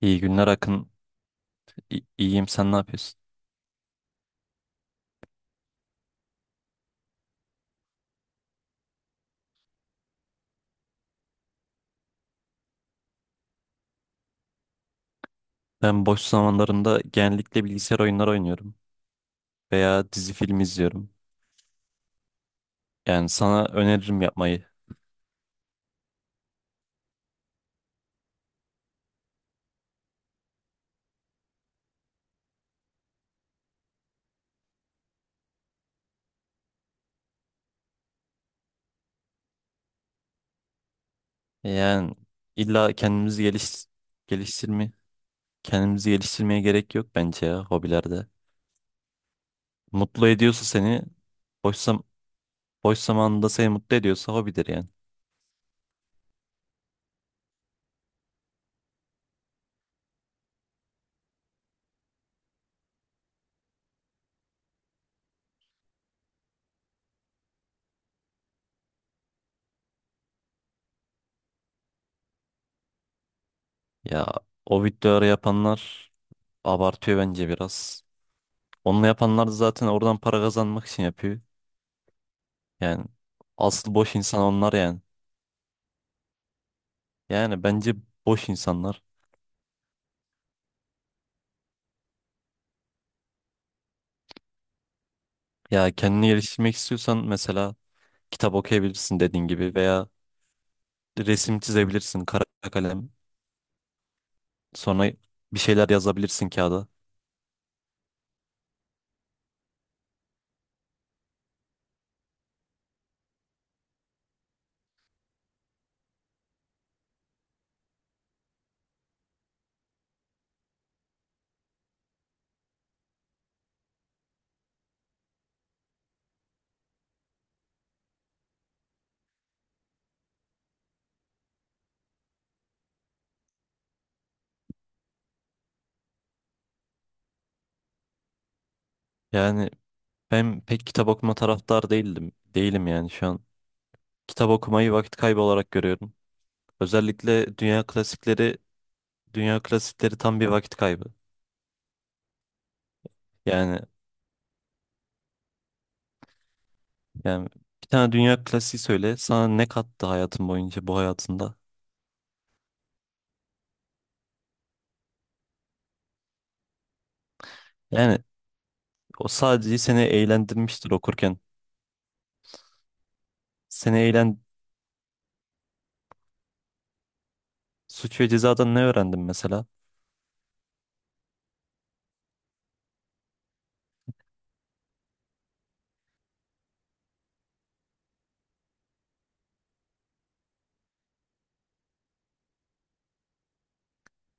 İyi günler Akın. İyiyim, sen ne yapıyorsun? Ben boş zamanlarımda genellikle bilgisayar oyunları oynuyorum veya dizi film izliyorum. Yani sana öneririm yapmayı. Yani illa kendimizi geliş geliştirme kendimizi geliştirmeye gerek yok bence ya hobilerde. Mutlu ediyorsa seni, boş zam boş zamanında seni mutlu ediyorsa hobidir yani. Ya o videoları yapanlar abartıyor bence biraz. Onu yapanlar da zaten oradan para kazanmak için yapıyor. Yani asıl boş insan onlar yani. Yani bence boş insanlar. Ya kendini geliştirmek istiyorsan mesela kitap okuyabilirsin dediğin gibi, veya resim çizebilirsin, kara kalem. Sonra bir şeyler yazabilirsin kağıda. Yani ben pek kitap okuma taraftar değildim. Değilim yani şu an. Kitap okumayı vakit kaybı olarak görüyorum. Özellikle dünya klasikleri, dünya klasikleri tam bir vakit kaybı. Yani Yani bir tane dünya klasiği söyle. Sana ne kattı hayatın boyunca, bu hayatında? Yani o sadece seni eğlendirmiştir okurken. Seni eğlen Suç ve cezadan ne öğrendin mesela?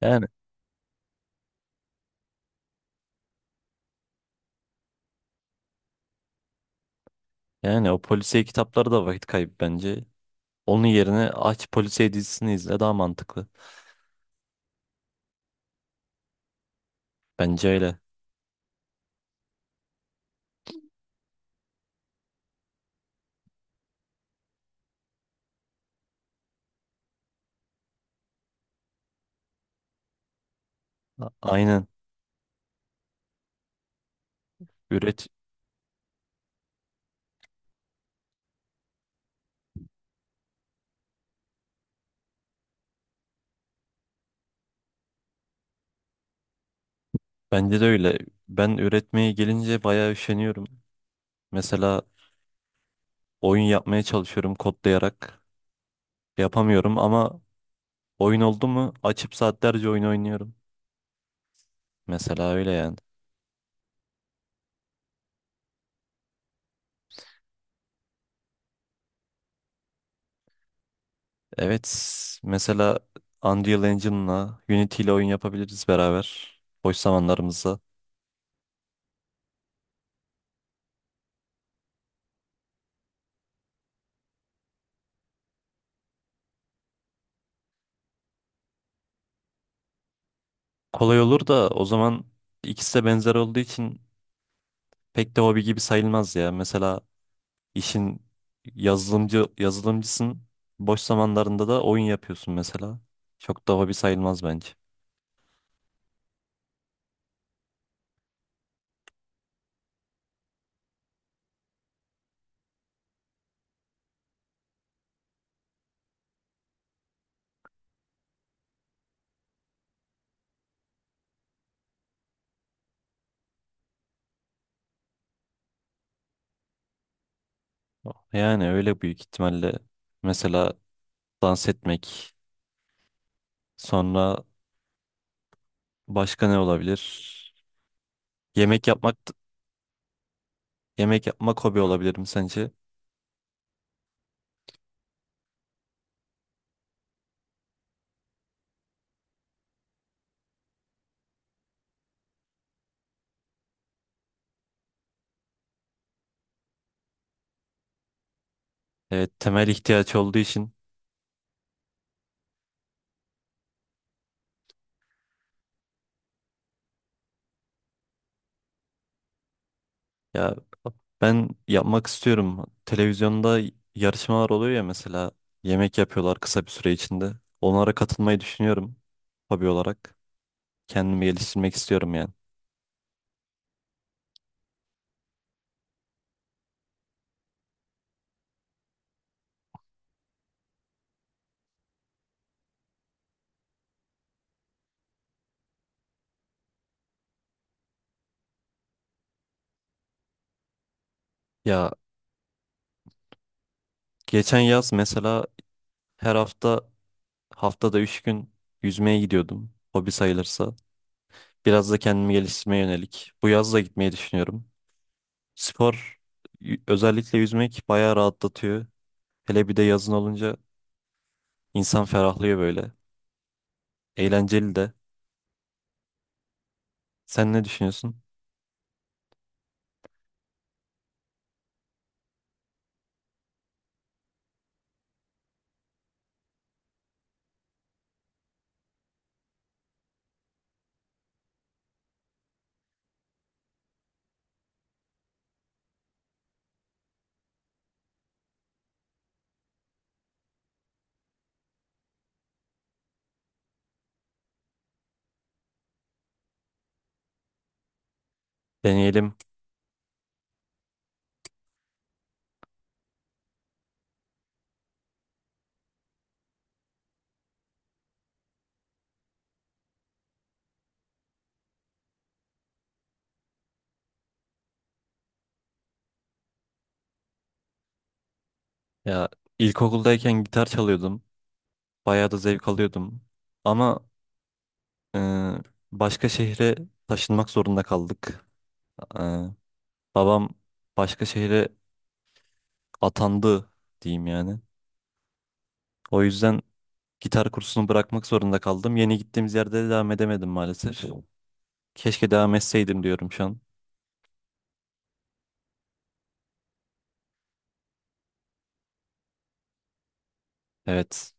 Yani yani o polisiye kitapları da vakit kaybı bence. Onun yerine aç polisiye dizisini izle, daha mantıklı. Bence öyle. Aynen. Üret Bence de öyle. Ben üretmeye gelince bayağı üşeniyorum. Mesela oyun yapmaya çalışıyorum kodlayarak. Yapamıyorum ama oyun oldu mu açıp saatlerce oyun oynuyorum. Mesela öyle yani. Evet, mesela Unreal Engine'la, Unity ile oyun yapabiliriz beraber. Boş zamanlarımızda. Kolay olur da o zaman ikisi de benzer olduğu için pek de hobi gibi sayılmaz ya. Mesela işin, yazılımcı, yazılımcısın. Boş zamanlarında da oyun yapıyorsun mesela. Çok da hobi sayılmaz bence. Yani öyle büyük ihtimalle. Mesela dans etmek, sonra başka ne olabilir? Yemek yapmak. Yemek yapmak hobi olabilirim sence? Evet, temel ihtiyaç olduğu için. Ya ben yapmak istiyorum. Televizyonda yarışmalar oluyor ya, mesela yemek yapıyorlar kısa bir süre içinde. Onlara katılmayı düşünüyorum hobi olarak. Kendimi geliştirmek istiyorum yani. Ya geçen yaz mesela her hafta, haftada 3 gün yüzmeye gidiyordum. Hobi sayılırsa. Biraz da kendimi geliştirmeye yönelik. Bu yaz da gitmeyi düşünüyorum. Spor Özellikle yüzmek bayağı rahatlatıyor. Hele bir de yazın olunca insan ferahlıyor böyle. Eğlenceli de. Sen ne düşünüyorsun? Deneyelim. Ya ilkokuldayken gitar çalıyordum. Bayağı da zevk alıyordum. Ama e, başka şehre taşınmak zorunda kaldık. E, babam başka şehre atandı diyeyim yani. O yüzden gitar kursunu bırakmak zorunda kaldım. Yeni gittiğimiz yerde de devam edemedim maalesef. Keşke devam etseydim diyorum şu an. Evet.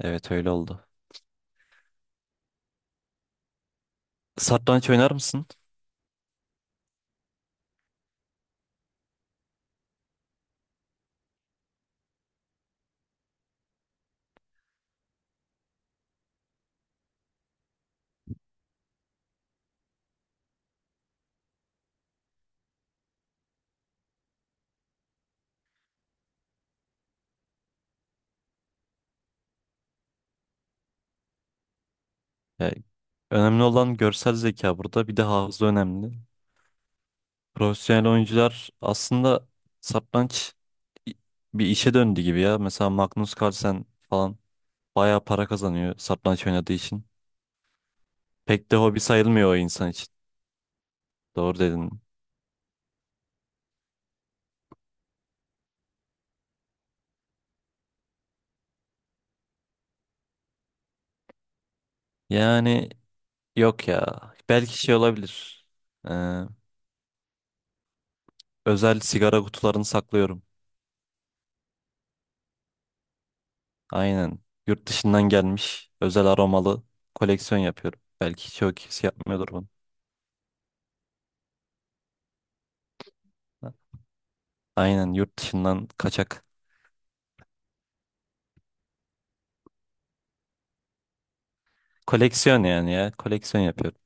Evet öyle oldu. Satranç oynar mısın? Yani önemli olan görsel zeka burada. Bir de hafıza önemli. Profesyonel oyuncular aslında satranç i- bir işe döndü gibi ya. Mesela Magnus Carlsen falan bayağı para kazanıyor satranç oynadığı için. Pek de hobi sayılmıyor o insan için. Doğru dedin. Yani yok ya. Belki şey olabilir. Ee, özel sigara kutularını saklıyorum. Aynen. Yurt dışından gelmiş özel aromalı koleksiyon yapıyorum. Belki çoğu kişi yapmıyordur bunu. Aynen, yurt dışından kaçak. Koleksiyon yani ya. Koleksiyon yapıyorum.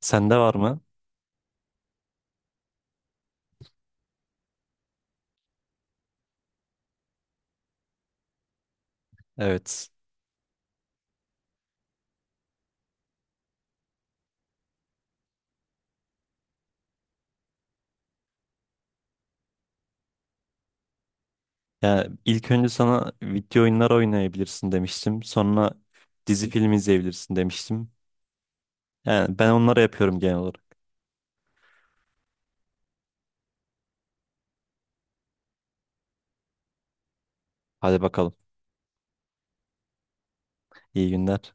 Sende var mı? Evet. Ya ilk önce sana video oyunlar oynayabilirsin demiştim. Sonra dizi film izleyebilirsin demiştim. Yani ben onları yapıyorum genel olarak. Hadi bakalım. İyi günler.